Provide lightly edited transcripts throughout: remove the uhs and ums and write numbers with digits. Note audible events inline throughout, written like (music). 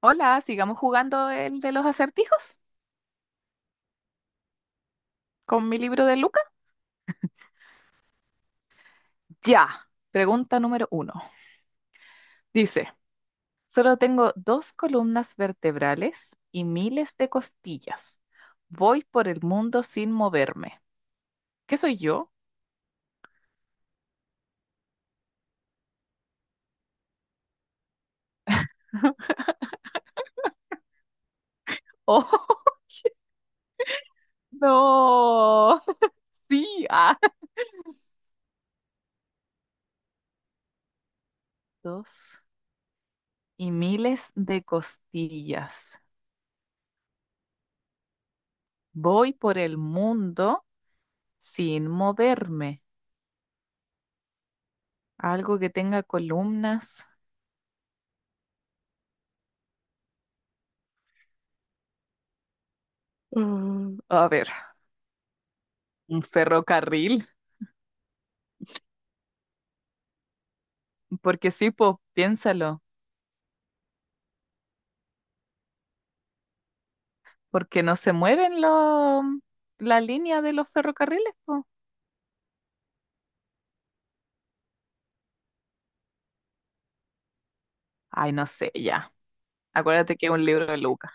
Hola, sigamos jugando el de los acertijos con mi libro de Luca. Ya. Pregunta número 1. Dice, solo tengo dos columnas vertebrales y miles de costillas. Voy por el mundo sin moverme. ¿Qué soy yo? Oh, (laughs) no. (laughs) Sí. Ah. Dos y miles de costillas. Voy por el mundo sin moverme. Algo que tenga columnas. A ver. Un ferrocarril, porque sí, pues piénsalo, porque no se mueven los la línea de los ferrocarriles, po. Ay, no sé, ya. Acuérdate que es un libro de Lucas.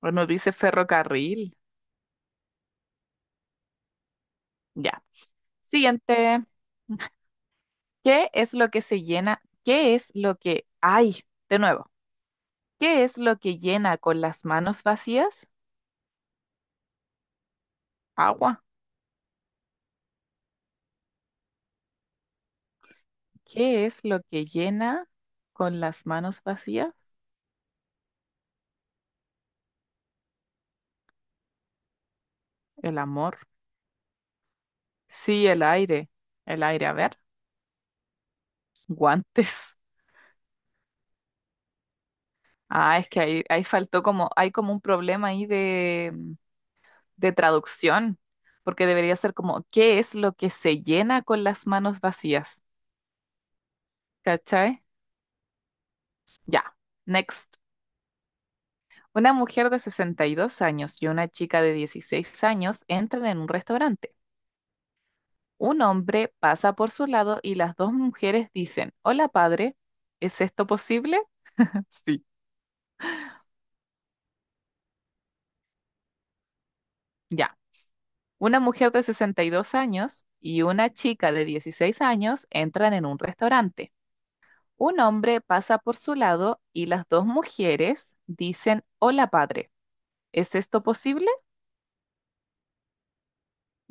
Bueno, dice ferrocarril. Ya. Siguiente. ¿Qué es lo que se llena? ¿Qué es lo que... Ay, de nuevo. ¿Qué es lo que llena con las manos vacías? Agua. ¿Qué es lo que llena con las manos vacías? El amor. Sí, el aire. El aire, a ver. Guantes. (laughs) Ah, es que ahí faltó como, hay como un problema ahí de, de traducción, porque debería ser como, ¿qué es lo que se llena con las manos vacías? ¿Cachai? Ya, next. Una mujer de 62 años y una chica de 16 años entran en un restaurante. Un hombre pasa por su lado y las dos mujeres dicen, hola, padre, ¿es esto posible? (laughs) Sí. Ya. Una mujer de 62 años y una chica de 16 años entran en un restaurante. Un hombre pasa por su lado y las dos mujeres dicen, hola, padre. ¿Es esto posible?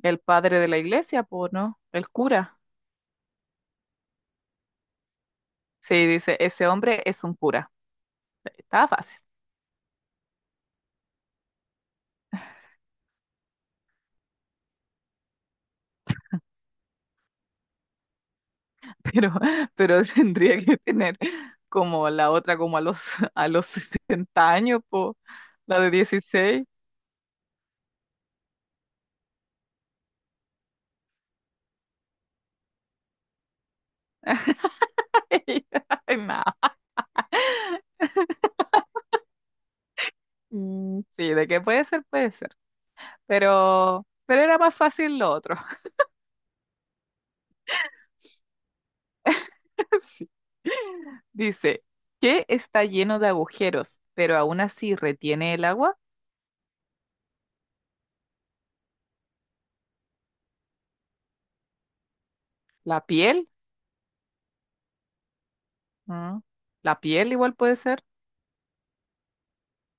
El padre de la iglesia, pues no, el cura. Sí, dice, ese hombre es un cura. Estaba fácil, (laughs) pero, pero tendría que tener como la otra, como a los, (laughs) a los 60 años, pues, la de 16. (laughs) Ay, no. Sí, de qué puede ser, puede ser. Pero era más fácil lo otro. (laughs) Sí. Dice, ¿qué está lleno de agujeros, pero aún así retiene el agua? ¿La piel? Mm, ¿La piel igual puede ser?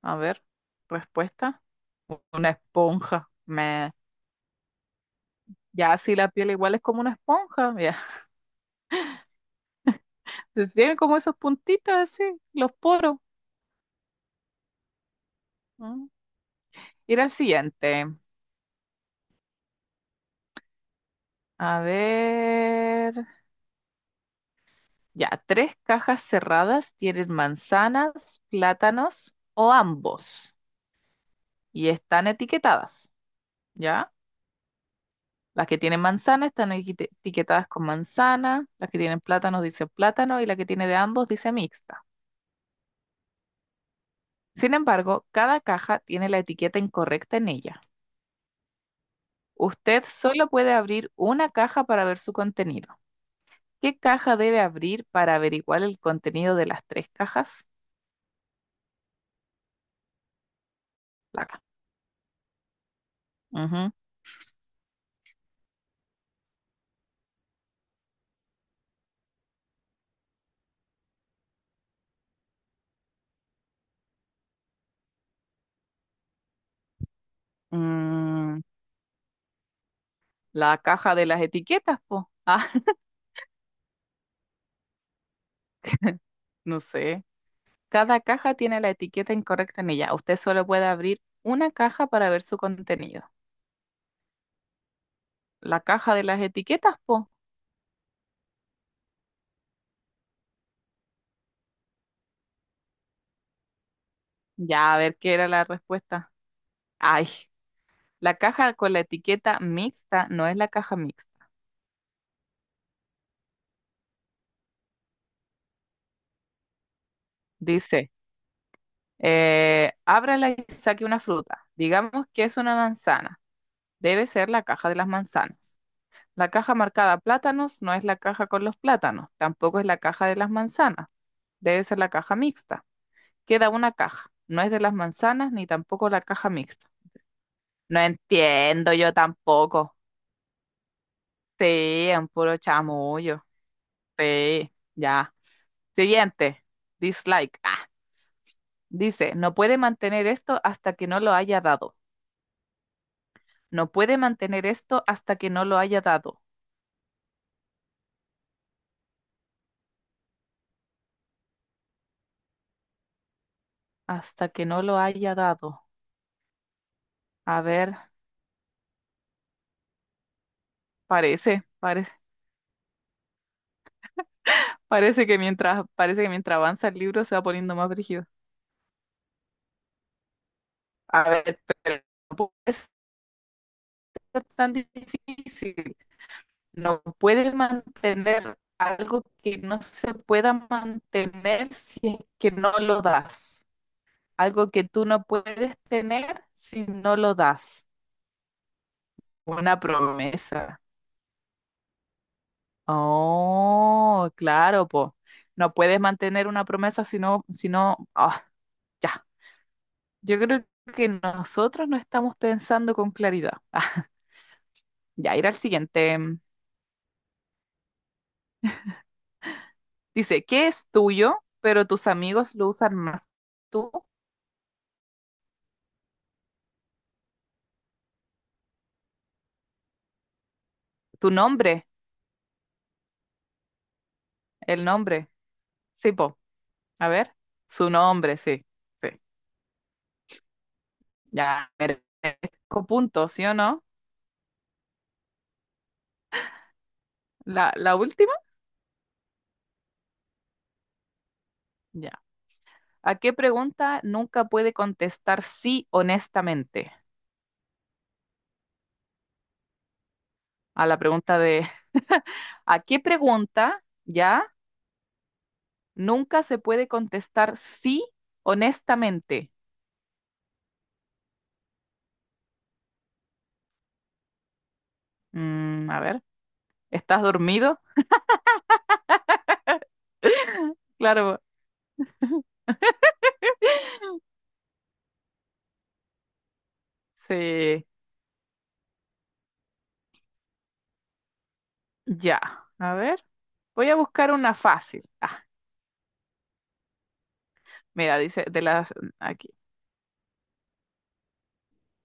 A ver, respuesta. Una esponja. Meh. Ya, sí, la piel igual es como una esponja. Ya. (laughs) Entonces tiene como esos puntitos así, los poros. Mm. Ir al siguiente. A ver. Ya, tres cajas cerradas tienen manzanas, plátanos o ambos y están etiquetadas, ¿ya? Las que tienen manzana están etiquetadas con manzana, las que tienen plátanos dicen plátano y la que tiene de ambos dice mixta. Sin embargo, cada caja tiene la etiqueta incorrecta en ella. Usted solo puede abrir una caja para ver su contenido. ¿Qué caja debe abrir para averiguar el contenido de las tres cajas? La caja. Ujú. La caja de las etiquetas, po. Ah, (laughs) no sé. Cada caja tiene la etiqueta incorrecta en ella. Usted solo puede abrir una caja para ver su contenido. La caja de las etiquetas, po. Ya, a ver qué era la respuesta. Ay, la caja con la etiqueta mixta no es la caja mixta. Dice, ábrala y saque una fruta. Digamos que es una manzana. Debe ser la caja de las manzanas. La caja marcada plátanos no es la caja con los plátanos, tampoco es la caja de las manzanas, debe ser la caja mixta. Queda una caja, no es de las manzanas ni tampoco la caja mixta. No entiendo yo tampoco. Sí, un puro chamullo. Sí, ya. Siguiente, dislike. Ah, dice, no puede mantener esto hasta que no lo haya dado. No puede mantener esto hasta que no lo haya dado. Hasta que no lo haya dado. A ver, parece, parece. Parece que mientras avanza el libro se va poniendo más brígido. A ver, pero no puede ser tan difícil. No puede mantener algo que no se pueda mantener si es que no lo das. Algo que tú no puedes tener si no lo das. Una promesa. Oh, claro, po. No puedes mantener una promesa si no, si no, ah, ya. Yo creo que nosotros no estamos pensando con claridad. (laughs) Ah, ya, ir al siguiente. Dice, ¿qué es tuyo, pero tus amigos lo usan más? Tú, tu nombre, el nombre. Sí, po. A ver, su nombre, sí. Sí. Ya, merezco puntos, ¿sí o no? La última, ya. ¿A qué pregunta nunca puede contestar sí honestamente? A la pregunta de, ¿a qué pregunta, ya? Nunca se puede contestar sí honestamente. A ver, ¿estás dormido? Claro, sí. Ya, a ver. Voy a buscar una fácil. Ah, mira, dice de las aquí.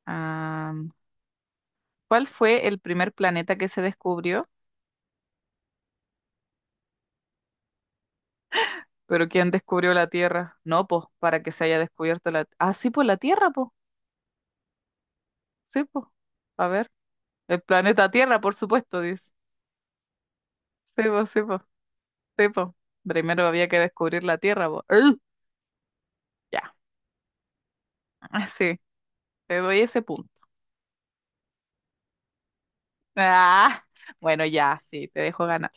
Am, ¿Cuál fue el primer planeta que se descubrió? ¿Pero quién descubrió la Tierra? No, pues, para que se haya descubierto la... Ah, sí, pues la Tierra, pues. Sí, pues. A ver. El planeta Tierra, por supuesto, dice. Sí, pues, sí, pues. Sí, pues. Primero había que descubrir la Tierra, pues. ¡Ugh! Ya. Ah, sí, te doy ese punto. Ah, bueno, ya, sí, te dejo ganar.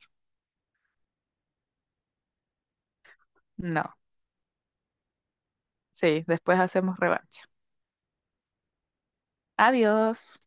No, sí, después hacemos revancha. Adiós.